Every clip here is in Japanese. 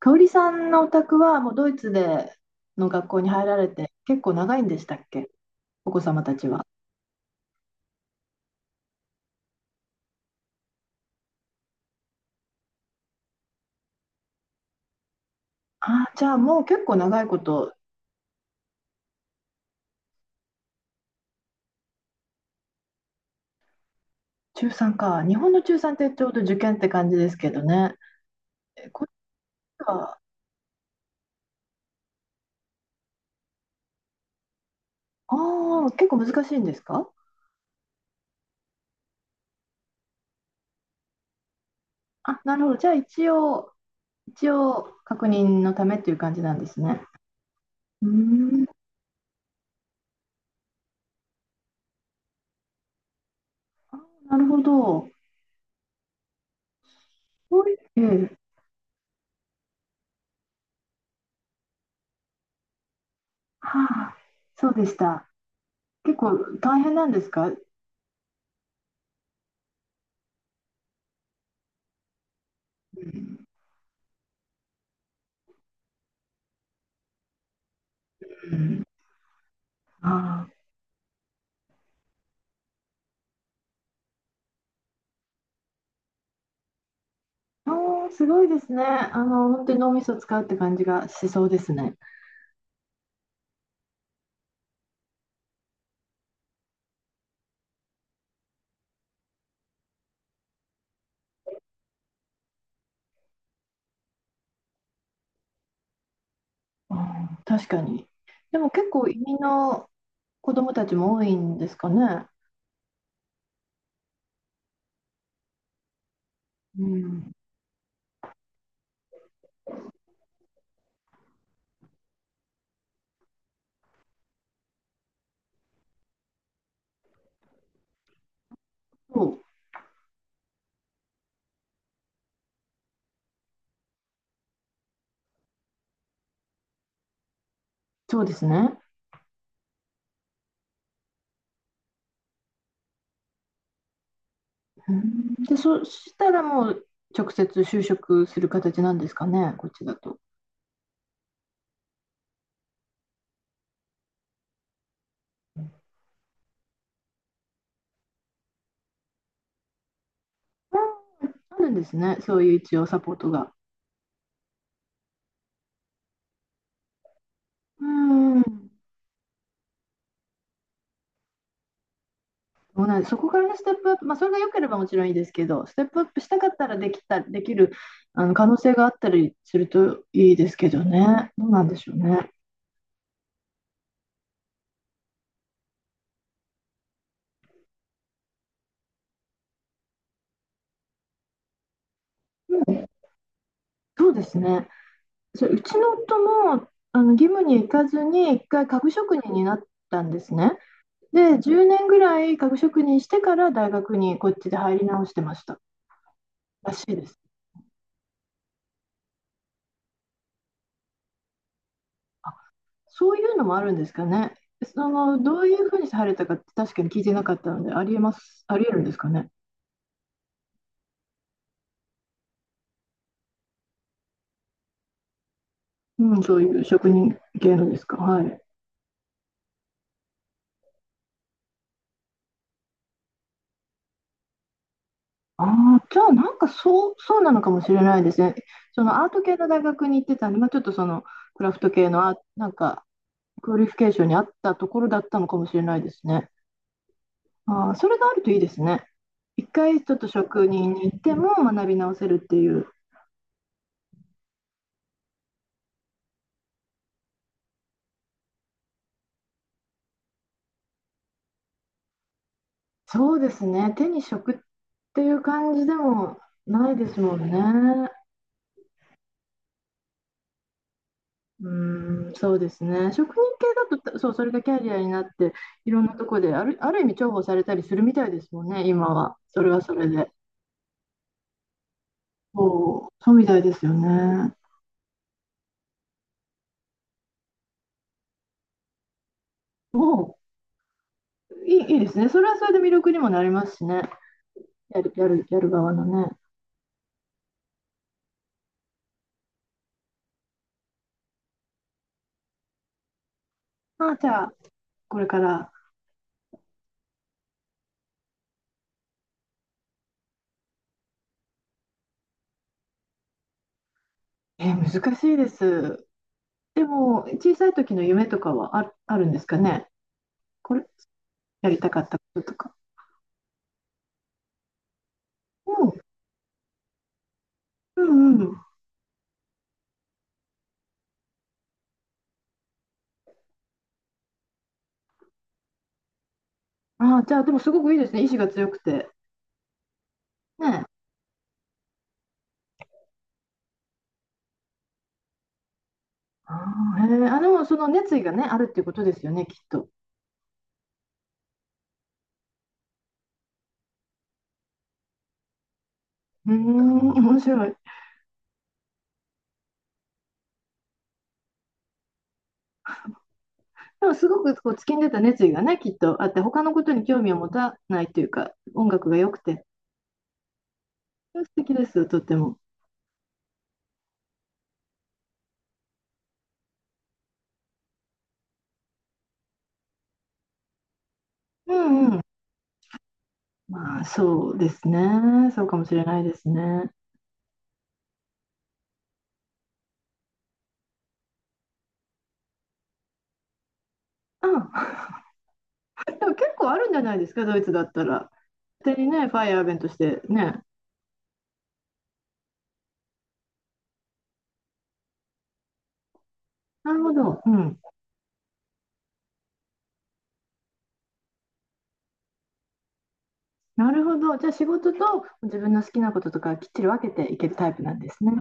香織さんのお宅はもうドイツでの学校に入られて結構長いんでしたっけ。お子様たちは。ああ、じゃあもう結構長いこと。中3か。日本の中3ってちょうど受験って感じですけどね。えこっちは、ああ、結構難しいんですか。あ、なるほど。じゃあ一応、一応確認のためっていう感じなんですね。うーん、あなるほど。そういええはあ、そうでした。結構大変なんですか。うん、うん、ああ。あーすごいですね。本当に脳みそを使うって感じがしそうですね。うん、確かに。でも結構移民の子供たちも多いんですかね。うん、そう、そうですね。うん、で、そしたらもう直接就職する形なんですかね、こっちだと。う、あるんですね、そういう一応サポートが。うん。そうなんです。そこからステップアップ、まあ、それが良ければもちろんいいですけど、ステップアップしたかったらできる、可能性があったりするといいですけどね。どうなんでしょうね。うん、そうですね。それうちの夫も、義務に行かずに、一回家具職人になったんですね。で、10年ぐらい家具職人してから大学にこっちで入り直してました。らしいです。あ、そういうのもあるんですかね。その、どういうふうにされたかって確かに聞いてなかったので、ありえます、ありえるんですかね。うん、そういう職人系のですか。はい。ああ、じゃあそうなのかもしれないですね。そのアート系の大学に行ってたんで、まあ、ちょっとそのクラフト系のクオリフィケーションに合ったところだったのかもしれないですね。ああ、それがあるといいですね。一回ちょっと職人に行っても学び直せるっていう。そうですね。手に職っていう感じでもないですもんね。うーん、そうですね。職人系だと、たそう、それがキャリアになって、いろんなとこで、ある意味重宝されたりするみたいですもんね、今は。それはそれで。そう、そうみたいですよね。もいいですね。それはそれで魅力にもなりますしね。やる側のね。ああ、じゃあ、これから、えー難しいです。でも、小さい時の夢とかはあるんですかね。これ、やりたかったこととか。うん、うん、うん。ああ、じゃあ、でもすごくいいですね。意志が強くて。ね、ああ、へえ、あ、でもその熱意がね、あるっていうことですよね、きっと。うーん、ん面白い。でもすごくこう突きんでた熱意がね、きっとあって、他のことに興味を持たないというか、音楽が良くて、素敵ですよ、とっても。うんうん。まあ、そうですね。そうかもしれないですね。うん。でも結構あるんじゃないですか、ドイツだったら。勝手にね、ファイアーベンとしてね。なるほど。うん。なるほど。じゃあ仕事と自分の好きなこととかきっちり分けていけるタイプなんですね。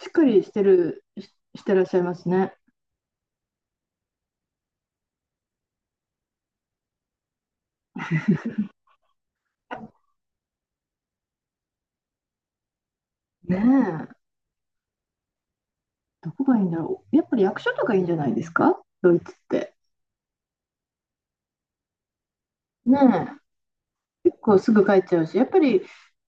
しっかりしてる、ししてらっしゃいますね。ねえ、どこがいいんだろう。やっぱり役所とかいいんじゃないですかドイツって。ねえ、結構すぐ帰っちゃうし、やっぱり、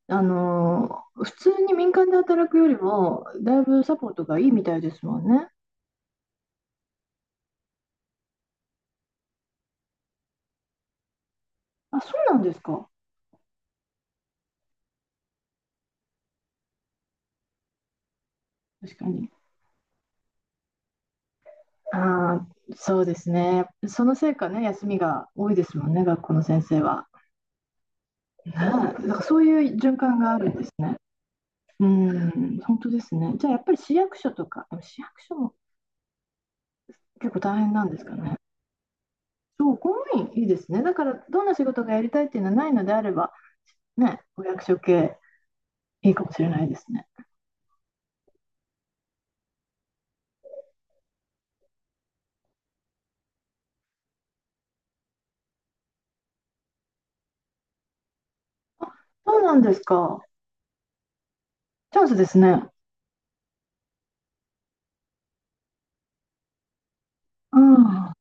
普通に民間で働くよりも、だいぶサポートがいいみたいですもんね。あ、そうなんですか。確かに。ああ、そうですね。そのせいかね、休みが多いですもんね、学校の先生は。ねえ、だからそういう循環があるんですね。うん、本当ですね。じゃあやっぱり市役所とか、市役所も結構大変なんですかね。そう、公務員いいですね。だからどんな仕事がやりたいっていうのはないのであれば、ね、お役所系いいかもしれないですね。あ、そうなんですか。チャンスですね。うん。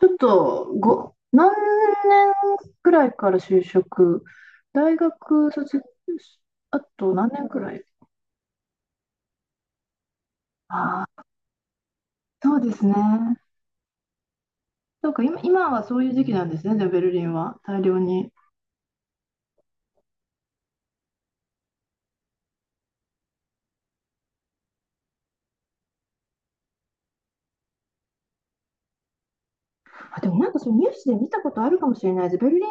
ちょっとご、何年くらいから就職、大学卒業、あと何年くらい。ああ、そうですね。そうか、今、今はそういう時期なんですね、じゃあベルリンは。大量に。あ、でもそのニュースで見たことあるかもしれないです。ベルリン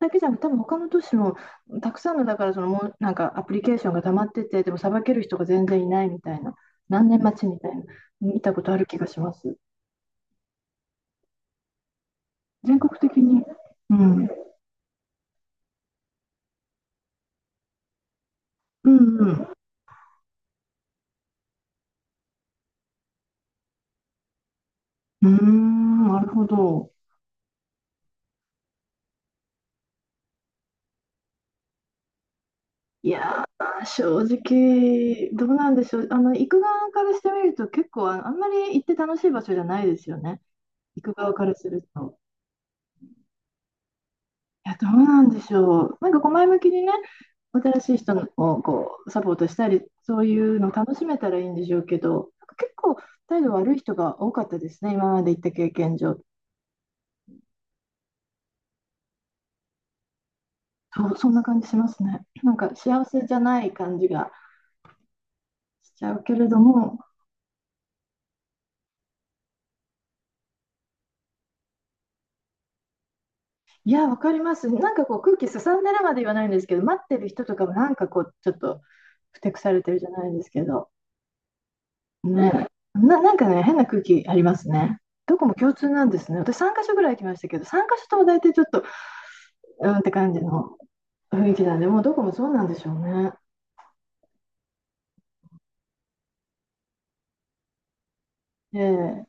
だけじゃなくて、多分他の都市もたくさんのだからそのもうアプリケーションが溜まってて、でもさばける人が全然いないみたいな、何年待ちみたいな、見たことある気がします。全国的に。うん。うんうん。うーん、なるほど。いやー、正直、どうなんでしょう。行く側からしてみると、結構あ、あんまり行って楽しい場所じゃないですよね。行く側からすると。いや、どうなんでしょう。こう前向きにね、新しい人をこうサポートしたり、そういうの楽しめたらいいんでしょうけど、結構態度悪い人が多かったですね、今まで行った経験上。そう、そんな感じしますね。なんか幸せじゃない感じがしちゃうけれども、いや、わかります。なんかこう空気すさんでるまで言わないんですけど、待ってる人とかもなんかこうちょっとふてくされてるじゃないですけど、ね、なんかね、変な空気ありますね。どこも共通なんですね。私3カ所ぐらい行きましたけど、3カ所とも大体ちょっと、うんって感じの雰囲気だね。もうどこもそうなんでしょうね。ええ。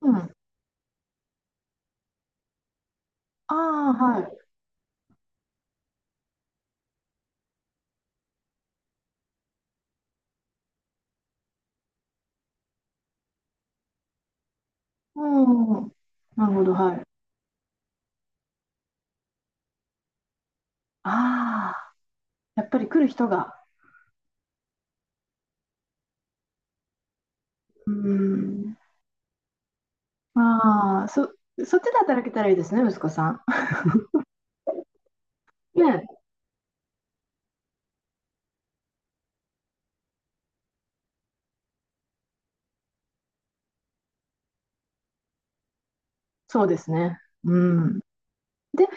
うん。ああ、はい。うん。なるほど、はい。ああ、やっぱり来る人が。うーん。ああ、そっちで働けたらいいですね、息子さん。ね、そうですね。うん。で、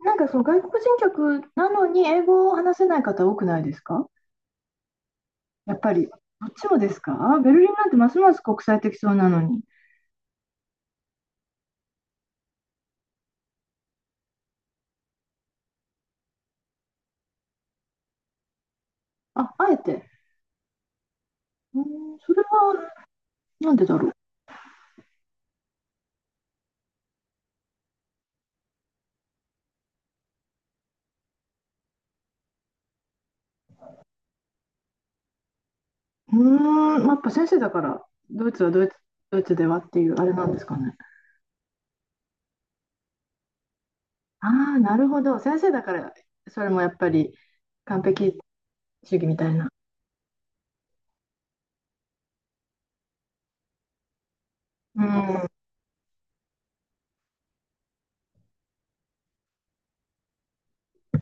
なんかその外国人客なのに英語を話せない方多くないですかやっぱり。どっちもですかベルリンなんてますます国際的そうなのに。あ、あえて。うん、それはなんでだろう。うーん、まあやっぱ先生だから、ドイツはドイツ、ドイツではっていうあれなんですかね。ああ、なるほど。先生だから、それもやっぱり完璧主義みたいな。うん。